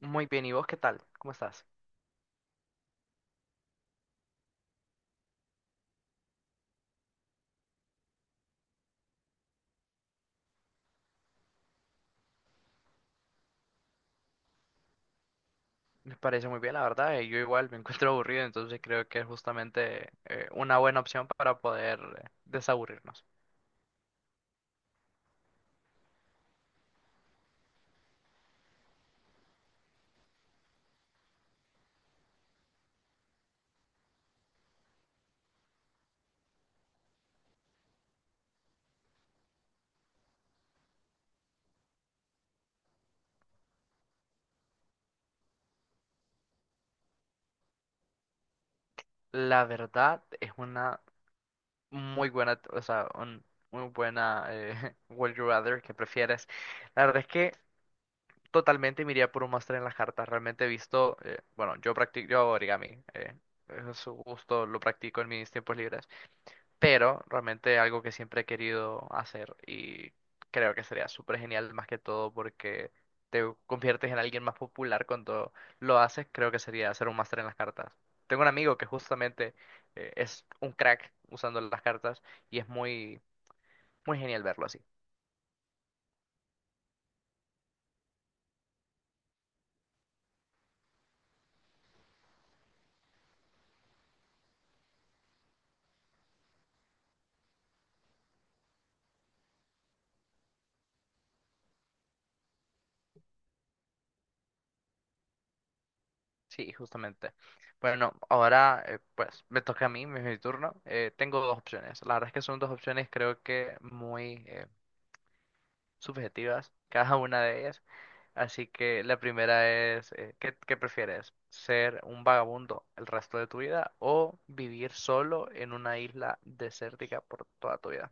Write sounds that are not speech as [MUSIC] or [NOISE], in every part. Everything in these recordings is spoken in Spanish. Muy bien, ¿y vos qué tal? ¿Cómo estás? Me parece muy bien, la verdad. Yo igual me [LAUGHS] encuentro aburrido, entonces creo que es justamente una buena opción para poder desaburrirnos. La verdad es una muy buena, o sea, muy buena [LAUGHS] Would You Rather que prefieres. La verdad es que totalmente me iría por un máster en las cartas. Realmente he visto, bueno, yo practico, yo hago origami. Eh, es un gusto, lo practico en mis tiempos libres. Pero realmente algo que siempre he querido hacer y creo que sería súper genial más que todo porque te conviertes en alguien más popular cuando lo haces, creo que sería hacer un máster en las cartas. Tengo un amigo que justamente es un crack usando las cartas y es muy genial verlo así. Sí, justamente. Bueno, ahora pues me toca a mí, es mi turno. Tengo dos opciones. La verdad es que son dos opciones creo que muy subjetivas, cada una de ellas. Así que la primera es, ¿ qué prefieres? ¿Ser un vagabundo el resto de tu vida o vivir solo en una isla desértica por toda tu vida?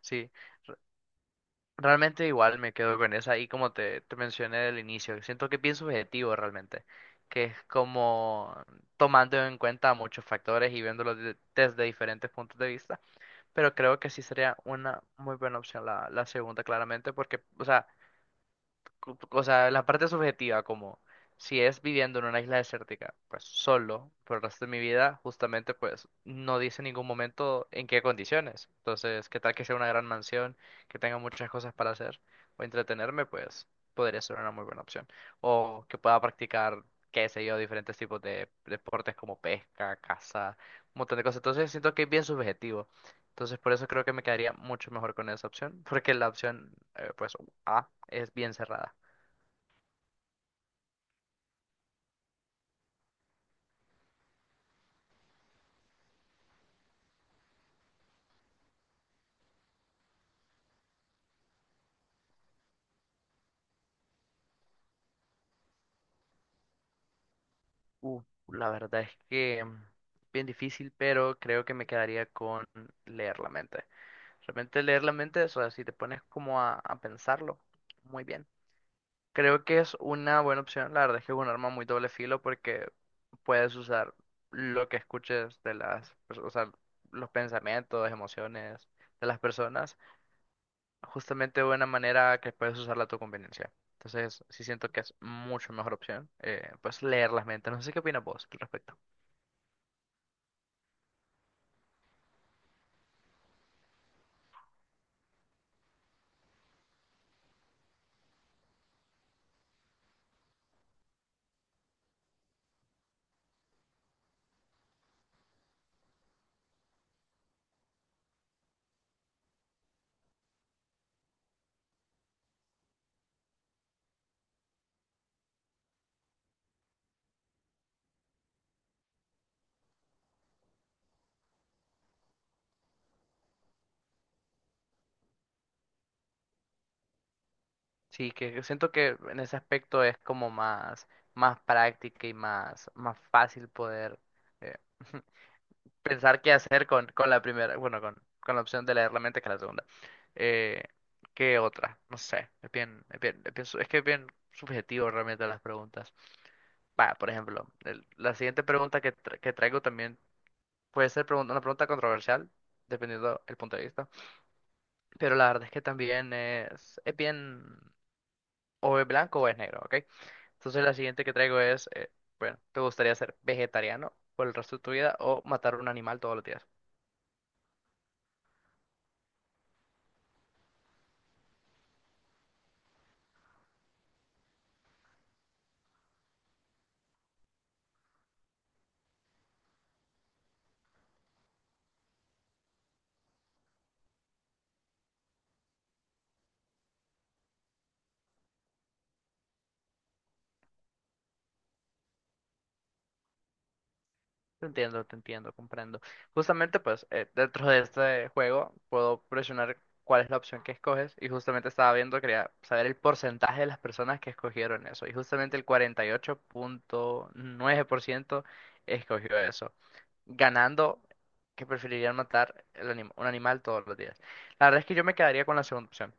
Sí, re- realmente igual me quedo con esa y como te mencioné al inicio, siento que pienso objetivo realmente, que es como tomando en cuenta muchos factores y viéndolo desde diferentes puntos de vista, pero creo que sí sería una muy buena opción la segunda claramente porque, o sea... O sea, la parte subjetiva, como si es viviendo en una isla desértica, pues solo por el resto de mi vida, justamente pues no dice en ningún momento en qué condiciones. Entonces, ¿qué tal que sea una gran mansión, que tenga muchas cosas para hacer o entretenerme? Pues podría ser una muy buena opción. O que pueda practicar, qué sé yo, diferentes tipos de deportes como pesca, caza, un montón de cosas. Entonces, siento que es bien subjetivo. Entonces, por eso creo que me quedaría mucho mejor con esa opción, porque la opción, pues a es bien cerrada. Uh, la verdad es que mm, bien difícil, pero creo que me quedaría con leer la mente. Realmente leer la mente, o sea, si te pones como a pensarlo, muy bien. Creo que es una buena opción. La verdad es que es un arma muy doble filo porque puedes usar lo que escuches de las, o sea, los pensamientos, emociones de las personas justamente de una manera que puedes usarla a tu conveniencia. Entonces, sí siento que es mucho mejor opción, pues leer las mentes. No sé qué opinas vos al respecto. Sí, que siento que en ese aspecto es como más práctica y más fácil poder eh, [LAUGHS] pensar qué hacer con la primera, bueno, con la opción de leer la mente que la segunda. Eh, ¿Qué otra? No sé, es bien es que es bien subjetivo realmente las preguntas. Va, por ejemplo, la siguiente pregunta que traigo también puede ser una pregunta controversial, dependiendo el punto de vista. Pero la verdad es que también es bien, o es blanco o es negro, ¿ok? Entonces la siguiente que traigo es, bueno, ¿te gustaría ser vegetariano por el resto de tu vida o matar un animal todos los días? Te entiendo, comprendo. Justamente, pues, dentro de este juego puedo presionar cuál es la opción que escoges y justamente estaba viendo, quería saber el porcentaje de las personas que escogieron eso y justamente el 48,9% escogió eso. Ganando que preferirían matar el un animal todos los días. La verdad es que yo me quedaría con la segunda opción.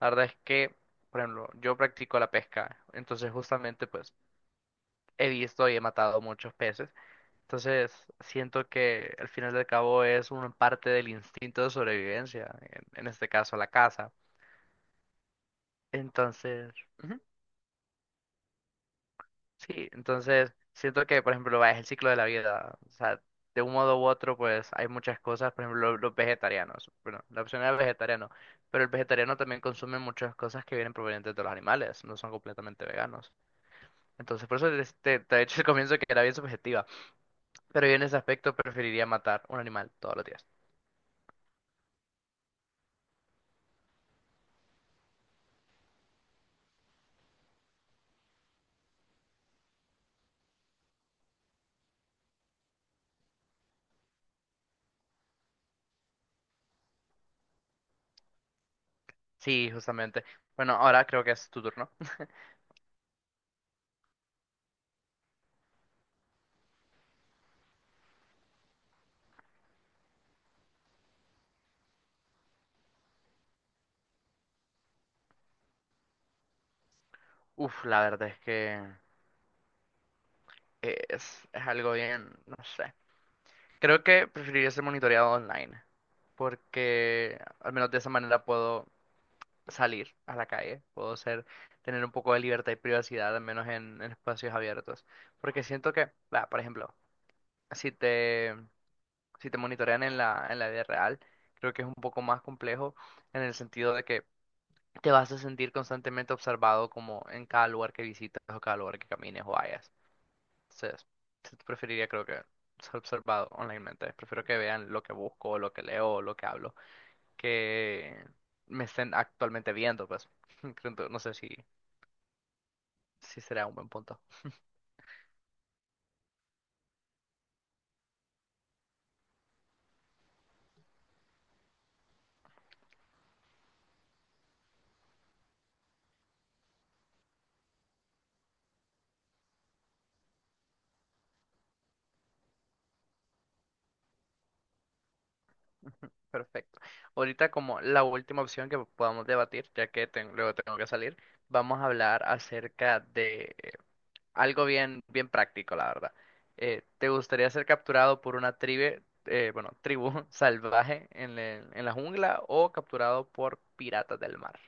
La verdad es que, por ejemplo, yo practico la pesca, entonces justamente pues he visto y he matado muchos peces. Entonces siento que al final del cabo es una parte del instinto de sobrevivencia, en este caso la caza. Entonces, ujú, sí, entonces siento que, por ejemplo, va, es el ciclo de la vida. O sea, de un modo u otro, pues hay muchas cosas, por ejemplo, los vegetarianos. Bueno, la opción era vegetariano, pero el vegetariano también consume muchas cosas que vienen provenientes de los animales, no son completamente veganos. Entonces, por eso te he dicho al comienzo que era bien subjetiva, pero yo en ese aspecto preferiría matar un animal todos los días. Sí, justamente. Bueno, ahora creo que es tu turno. Uf, la verdad es que es algo bien, no sé. Creo que preferiría ser monitoreado online, porque al menos de esa manera puedo salir a la calle, puedo ser, tener un poco de libertad y privacidad, al menos en espacios abiertos. Porque siento que, va, por ejemplo, si te, si te monitorean en en la vida real, creo que es un poco más complejo en el sentido de que te vas a sentir constantemente observado como en cada lugar que visitas o cada lugar que camines o vayas. Entonces, sí preferiría creo que ser observado onlinemente. Prefiero que vean lo que busco, lo que leo, lo que hablo, que me estén actualmente viendo, pues. [LAUGHS] Creo que... No sé si, si será un buen punto. Perfecto. Ahorita como la última opción que podamos debatir, ya que luego tengo que salir, vamos a hablar acerca de algo bien práctico, la verdad. ¿Te gustaría ser capturado por una tribe, bueno, tribu [LAUGHS] salvaje en, en la jungla o capturado por piratas del mar?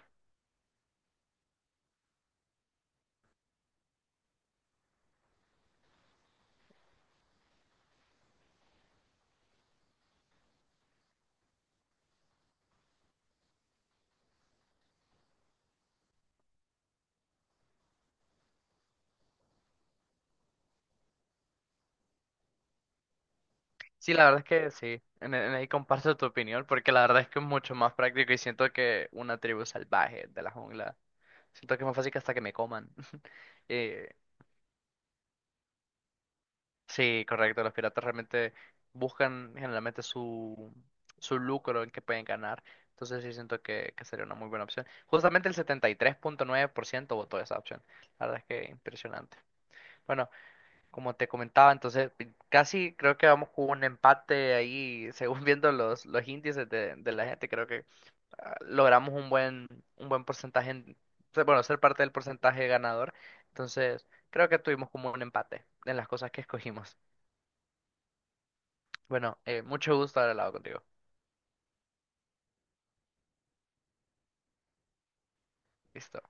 Sí, la verdad es que sí, en ahí comparto tu opinión, porque la verdad es que es mucho más práctico y siento que una tribu salvaje de la jungla, siento que es más fácil que hasta que me coman. [LAUGHS] Eh, sí, correcto. Los piratas realmente buscan generalmente su, su lucro en que pueden ganar. Entonces sí siento que sería una muy buena opción. Justamente el 73,9% votó esa opción. La verdad es que impresionante. Bueno, como te comentaba, entonces casi creo que vamos con un empate ahí, [LAUGHS] según viendo los índices de la gente, creo que ah, logramos un un buen porcentaje, bueno, ser parte del porcentaje ganador. Entonces creo que tuvimos como un empate en las cosas que escogimos. Bueno, mucho gusto haber hablado contigo. Listo.